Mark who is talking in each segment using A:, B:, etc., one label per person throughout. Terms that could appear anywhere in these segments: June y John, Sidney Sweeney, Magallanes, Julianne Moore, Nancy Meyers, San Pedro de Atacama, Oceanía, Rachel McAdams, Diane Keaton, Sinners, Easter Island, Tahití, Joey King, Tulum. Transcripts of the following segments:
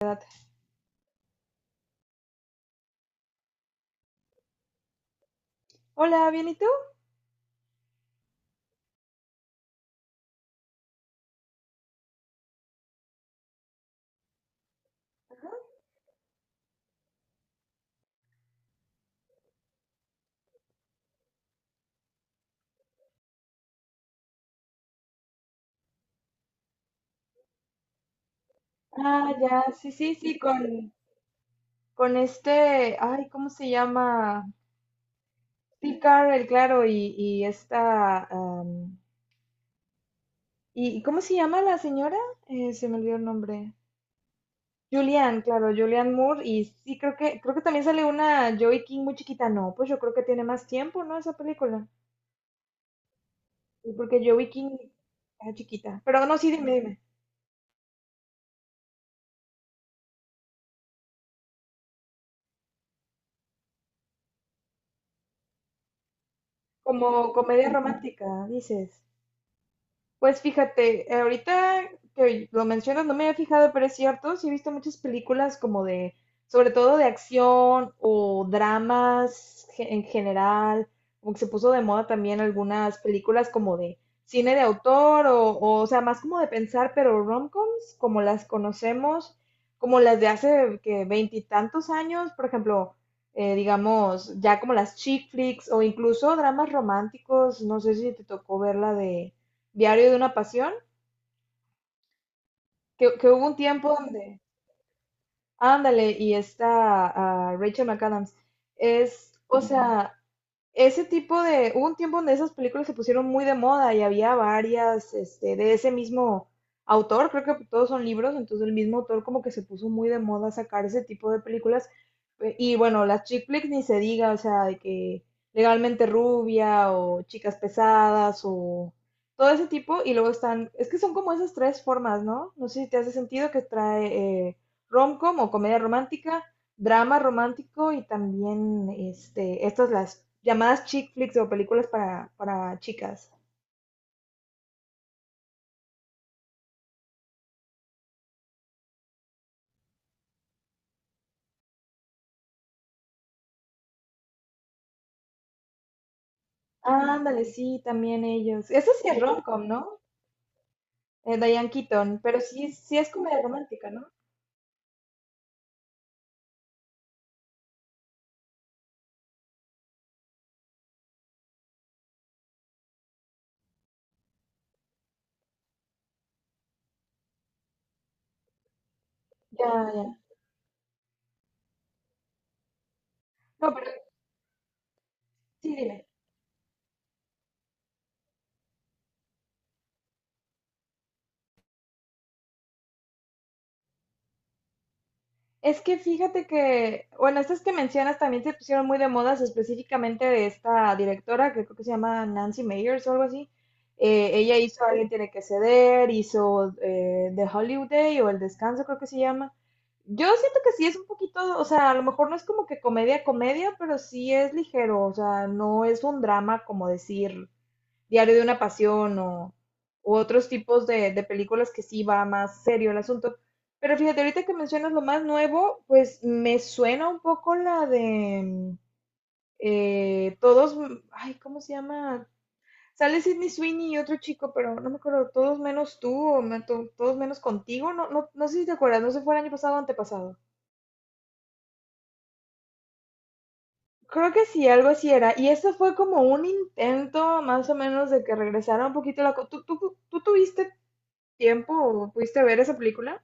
A: Edad. Hola, bien, ¿y tú? Ajá. Ah, ya, sí, sí, sí, con este, ay, ¿cómo se llama? Sí, Carl, claro, y esta... ¿y cómo se llama la señora? Se me olvidó el nombre. Julianne, claro, Julianne Moore. Y sí, creo que también sale una Joey King muy chiquita. No, pues yo creo que tiene más tiempo, ¿no? Esa película. Sí, porque Joey King era chiquita. Pero no, sí, dime, dime. Como comedia romántica, dices. Pues fíjate, ahorita que lo mencionas, no me había fijado, pero es cierto, sí he visto muchas películas como de, sobre todo de acción o dramas en general, como que se puso de moda también algunas películas como de cine de autor o sea, más como de pensar, pero romcoms, como las conocemos, como las de hace que veintitantos años, por ejemplo, digamos, ya como las chick flicks o incluso dramas románticos, no sé si te tocó ver la de Diario de una pasión, que hubo un tiempo donde, ándale, y está Rachel McAdams. Es, o sea, ese tipo de, hubo un tiempo donde esas películas se pusieron muy de moda y había varias, este, de ese mismo autor, creo que todos son libros, entonces el mismo autor como que se puso muy de moda sacar ese tipo de películas. Y bueno, las chick flicks ni se diga, o sea, de que legalmente rubia o chicas pesadas o todo ese tipo. Y luego están, es que son como esas tres formas, ¿no? No sé si te hace sentido que trae rom-com o comedia romántica, drama romántico y también este, estas las llamadas chick flicks o películas para chicas. Ándale, sí, también ellos. Eso sí es rom-com, ¿no? Diane Keaton, pero sí, sí es comedia romántica, ¿no? Ya, ya. No, pero sí, dime. Es que fíjate que, bueno, estas que mencionas también se pusieron muy de modas específicamente de esta directora que creo que se llama Nancy Meyers o algo así. Ella hizo Alguien tiene que ceder, hizo The Hollywood Day o El Descanso creo que se llama. Yo siento que sí es un poquito, o sea, a lo mejor no es como que comedia, comedia, pero sí es ligero, o sea, no es un drama como decir, Diario de una Pasión o, u otros tipos de películas que sí va más serio el asunto. Pero fíjate, ahorita que mencionas lo más nuevo, pues me suena un poco la de todos, ay, ¿cómo se llama? Sale Sidney Sweeney y otro chico, pero no me acuerdo, todos menos tú o todos menos contigo, no, no, no sé si te acuerdas, no sé si fue el año pasado o antepasado. Creo que sí, algo así era. Y esto fue como un intento más o menos de que regresara un poquito la... ¿Tú tuviste tiempo pudiste ver esa película?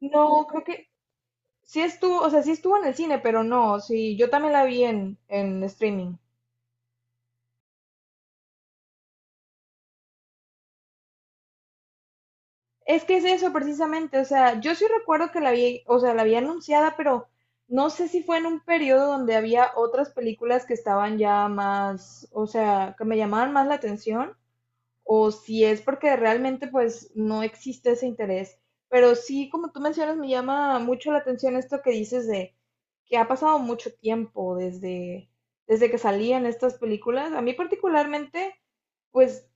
A: No, creo que sí estuvo, o sea, sí estuvo en el cine, pero no, sí, yo también la vi en streaming. Es que es eso precisamente, o sea, yo sí recuerdo que la vi, o sea, la había anunciada, pero no sé si fue en un periodo donde había otras películas que estaban ya más, o sea, que me llamaban más la atención o si es porque realmente pues no existe ese interés. Pero sí, como tú mencionas, me llama mucho la atención esto que dices de que ha pasado mucho tiempo desde que salían estas películas. A mí particularmente, pues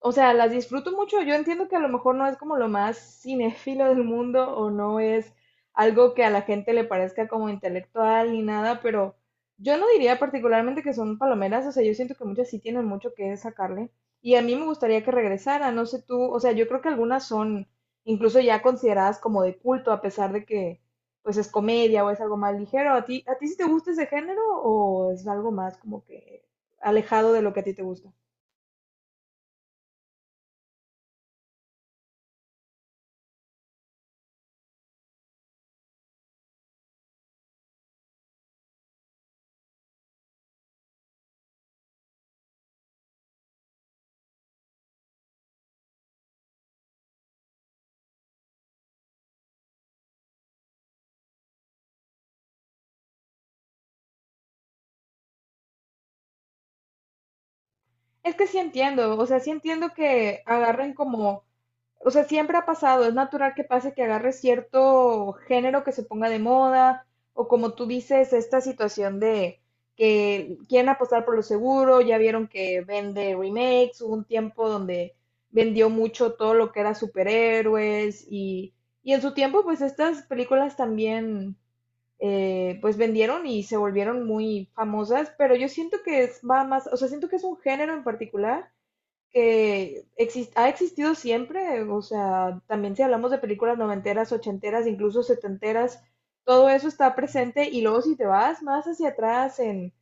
A: o sea, las disfruto mucho. Yo entiendo que a lo mejor no es como lo más cinéfilo del mundo o no es algo que a la gente le parezca como intelectual ni nada, pero yo no diría particularmente que son palomeras. O sea, yo siento que muchas sí tienen mucho que sacarle. Y a mí me gustaría que regresara, no sé tú. O sea, yo creo que algunas son incluso ya consideradas como de culto, a pesar de que pues es comedia o es algo más ligero. ¿A ti sí te gusta ese género o es algo más como que alejado de lo que a ti te gusta? Es que sí entiendo, o sea, sí entiendo que agarren como, o sea, siempre ha pasado, es natural que pase que agarre cierto género que se ponga de moda, o como tú dices, esta situación de que quieren apostar por lo seguro, ya vieron que vende remakes, hubo un tiempo donde vendió mucho todo lo que era superhéroes y en su tiempo pues estas películas también pues vendieron y se volvieron muy famosas, pero yo siento que es, va más, o sea, siento que es un género en particular que ha existido siempre, o sea, también si hablamos de películas noventeras, ochenteras, incluso setenteras, todo eso está presente y luego si te vas más hacia atrás en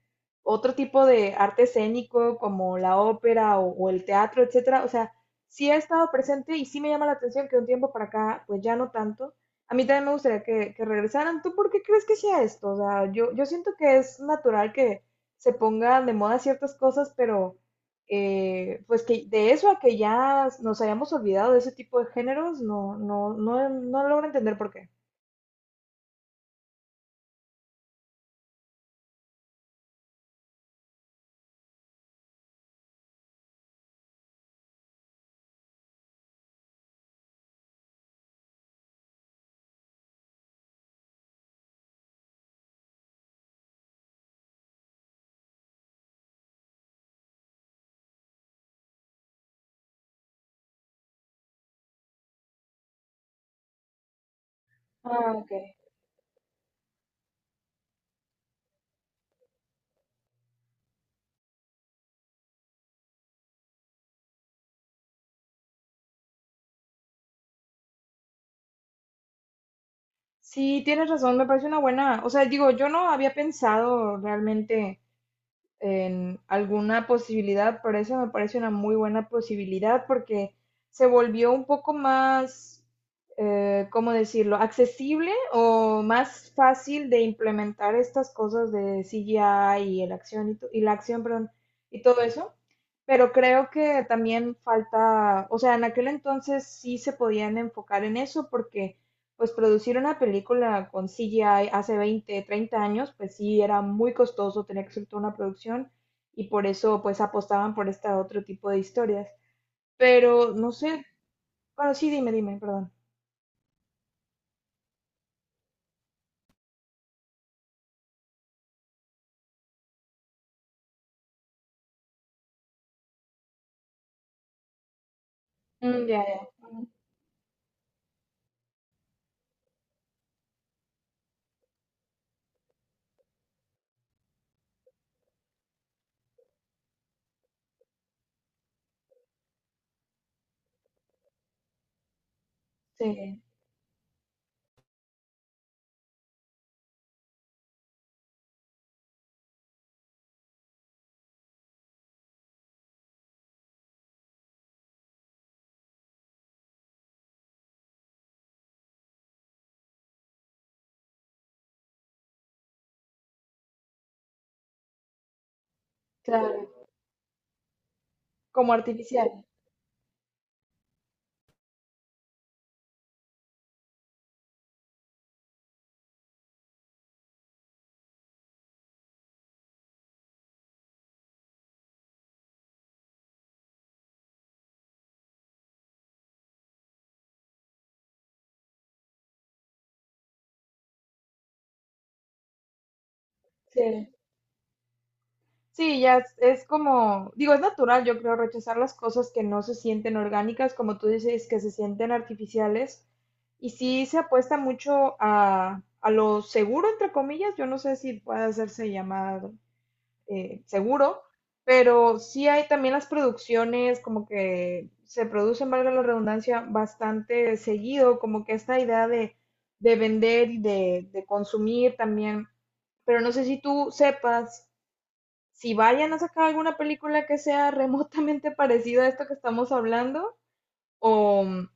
A: otro tipo de arte escénico como la ópera o el teatro, etcétera, o sea, sí ha estado presente y sí me llama la atención que de un tiempo para acá, pues ya no tanto. A mí también me gustaría que regresaran. ¿Tú por qué crees que sea esto? O sea, yo siento que es natural que se pongan de moda ciertas cosas, pero pues que de eso a que ya nos hayamos olvidado de ese tipo de géneros, no logro entender por qué. Ah, ok. Sí, tienes razón, me parece una buena, o sea, digo, yo no había pensado realmente en alguna posibilidad, pero eso me parece una muy buena posibilidad porque se volvió un poco más, ¿cómo decirlo?, accesible o más fácil de implementar estas cosas de CGI y, el acción y la acción, perdón, y todo eso. Pero creo que también falta, o sea, en aquel entonces sí se podían enfocar en eso porque pues producir una película con CGI hace 20, 30 años, pues sí era muy costoso, tenía que ser toda una producción y por eso pues apostaban por este otro tipo de historias. Pero no sé, bueno, sí, dime, dime, perdón. Ya, ya. Sí, claro, como artificial. Sí. Sí, ya es como, digo, es natural, yo creo, rechazar las cosas que no se sienten orgánicas, como tú dices, que se sienten artificiales. Y sí se apuesta mucho a lo seguro, entre comillas, yo no sé si puede hacerse llamar seguro, pero sí hay también las producciones, como que se producen, valga la redundancia, bastante seguido, como que esta idea de vender de consumir también. Pero no sé si tú sepas si vayan a sacar alguna película que sea remotamente parecida a esto que estamos hablando o,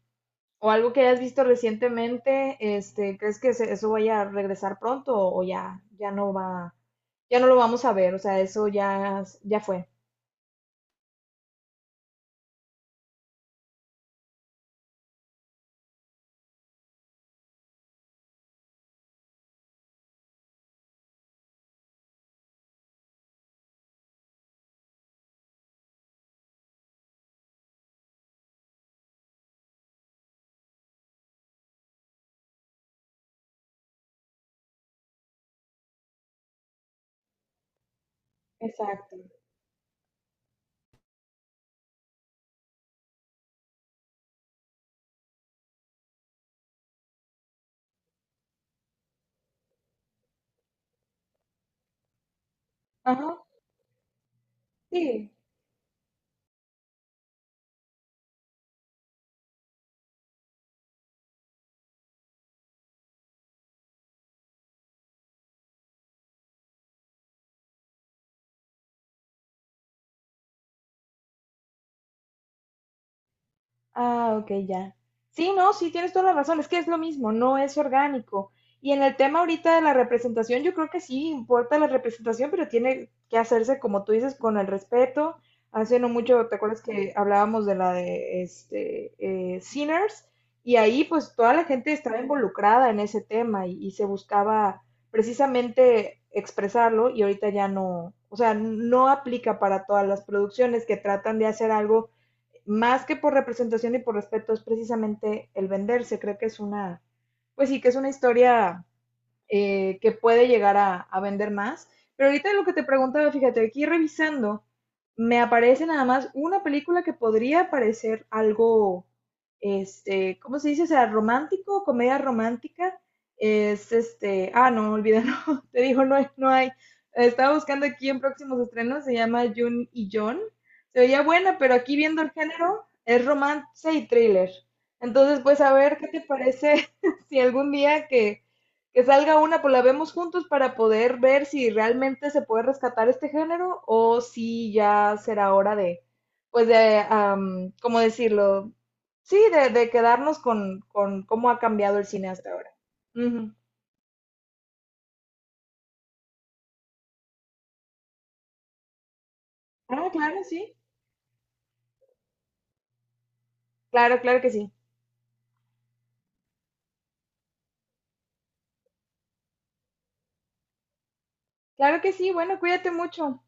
A: o algo que hayas visto recientemente, este, ¿crees que eso vaya a regresar pronto o ya, ya no va, ya no lo vamos a ver? O sea, eso ya, ya fue. Exacto. Ajá, sí. Ah, ok, ya. Sí, no, sí, tienes toda la razón, es que es lo mismo, no es orgánico. Y en el tema ahorita de la representación, yo creo que sí importa la representación, pero tiene que hacerse, como tú dices, con el respeto. Hace no mucho, ¿te acuerdas que hablábamos de la de este, Sinners? Y ahí pues toda la gente estaba involucrada en ese tema y se buscaba precisamente expresarlo y ahorita ya no, o sea, no aplica para todas las producciones que tratan de hacer algo más que por representación y por respeto, es precisamente el venderse. Creo que es una, pues sí, que es una historia que puede llegar a vender más. Pero ahorita lo que te preguntaba, fíjate, aquí revisando, me aparece nada más una película que podría parecer algo, este, ¿cómo se dice? O sea, romántico, comedia romántica. Es este, ah, no, olvídalo, te digo, no hay, no hay. Estaba buscando aquí en próximos estrenos, se llama June y John. Se veía buena, pero aquí viendo el género, es romance y thriller. Entonces, pues a ver qué te parece si algún día que salga una, pues la vemos juntos para poder ver si realmente se puede rescatar este género o si ya será hora de, pues de, ¿cómo decirlo? Sí, de quedarnos con cómo ha cambiado el cine hasta ahora. Ujú. Ah, claro, sí. Claro, claro que sí. Claro que sí. Bueno, cuídate mucho.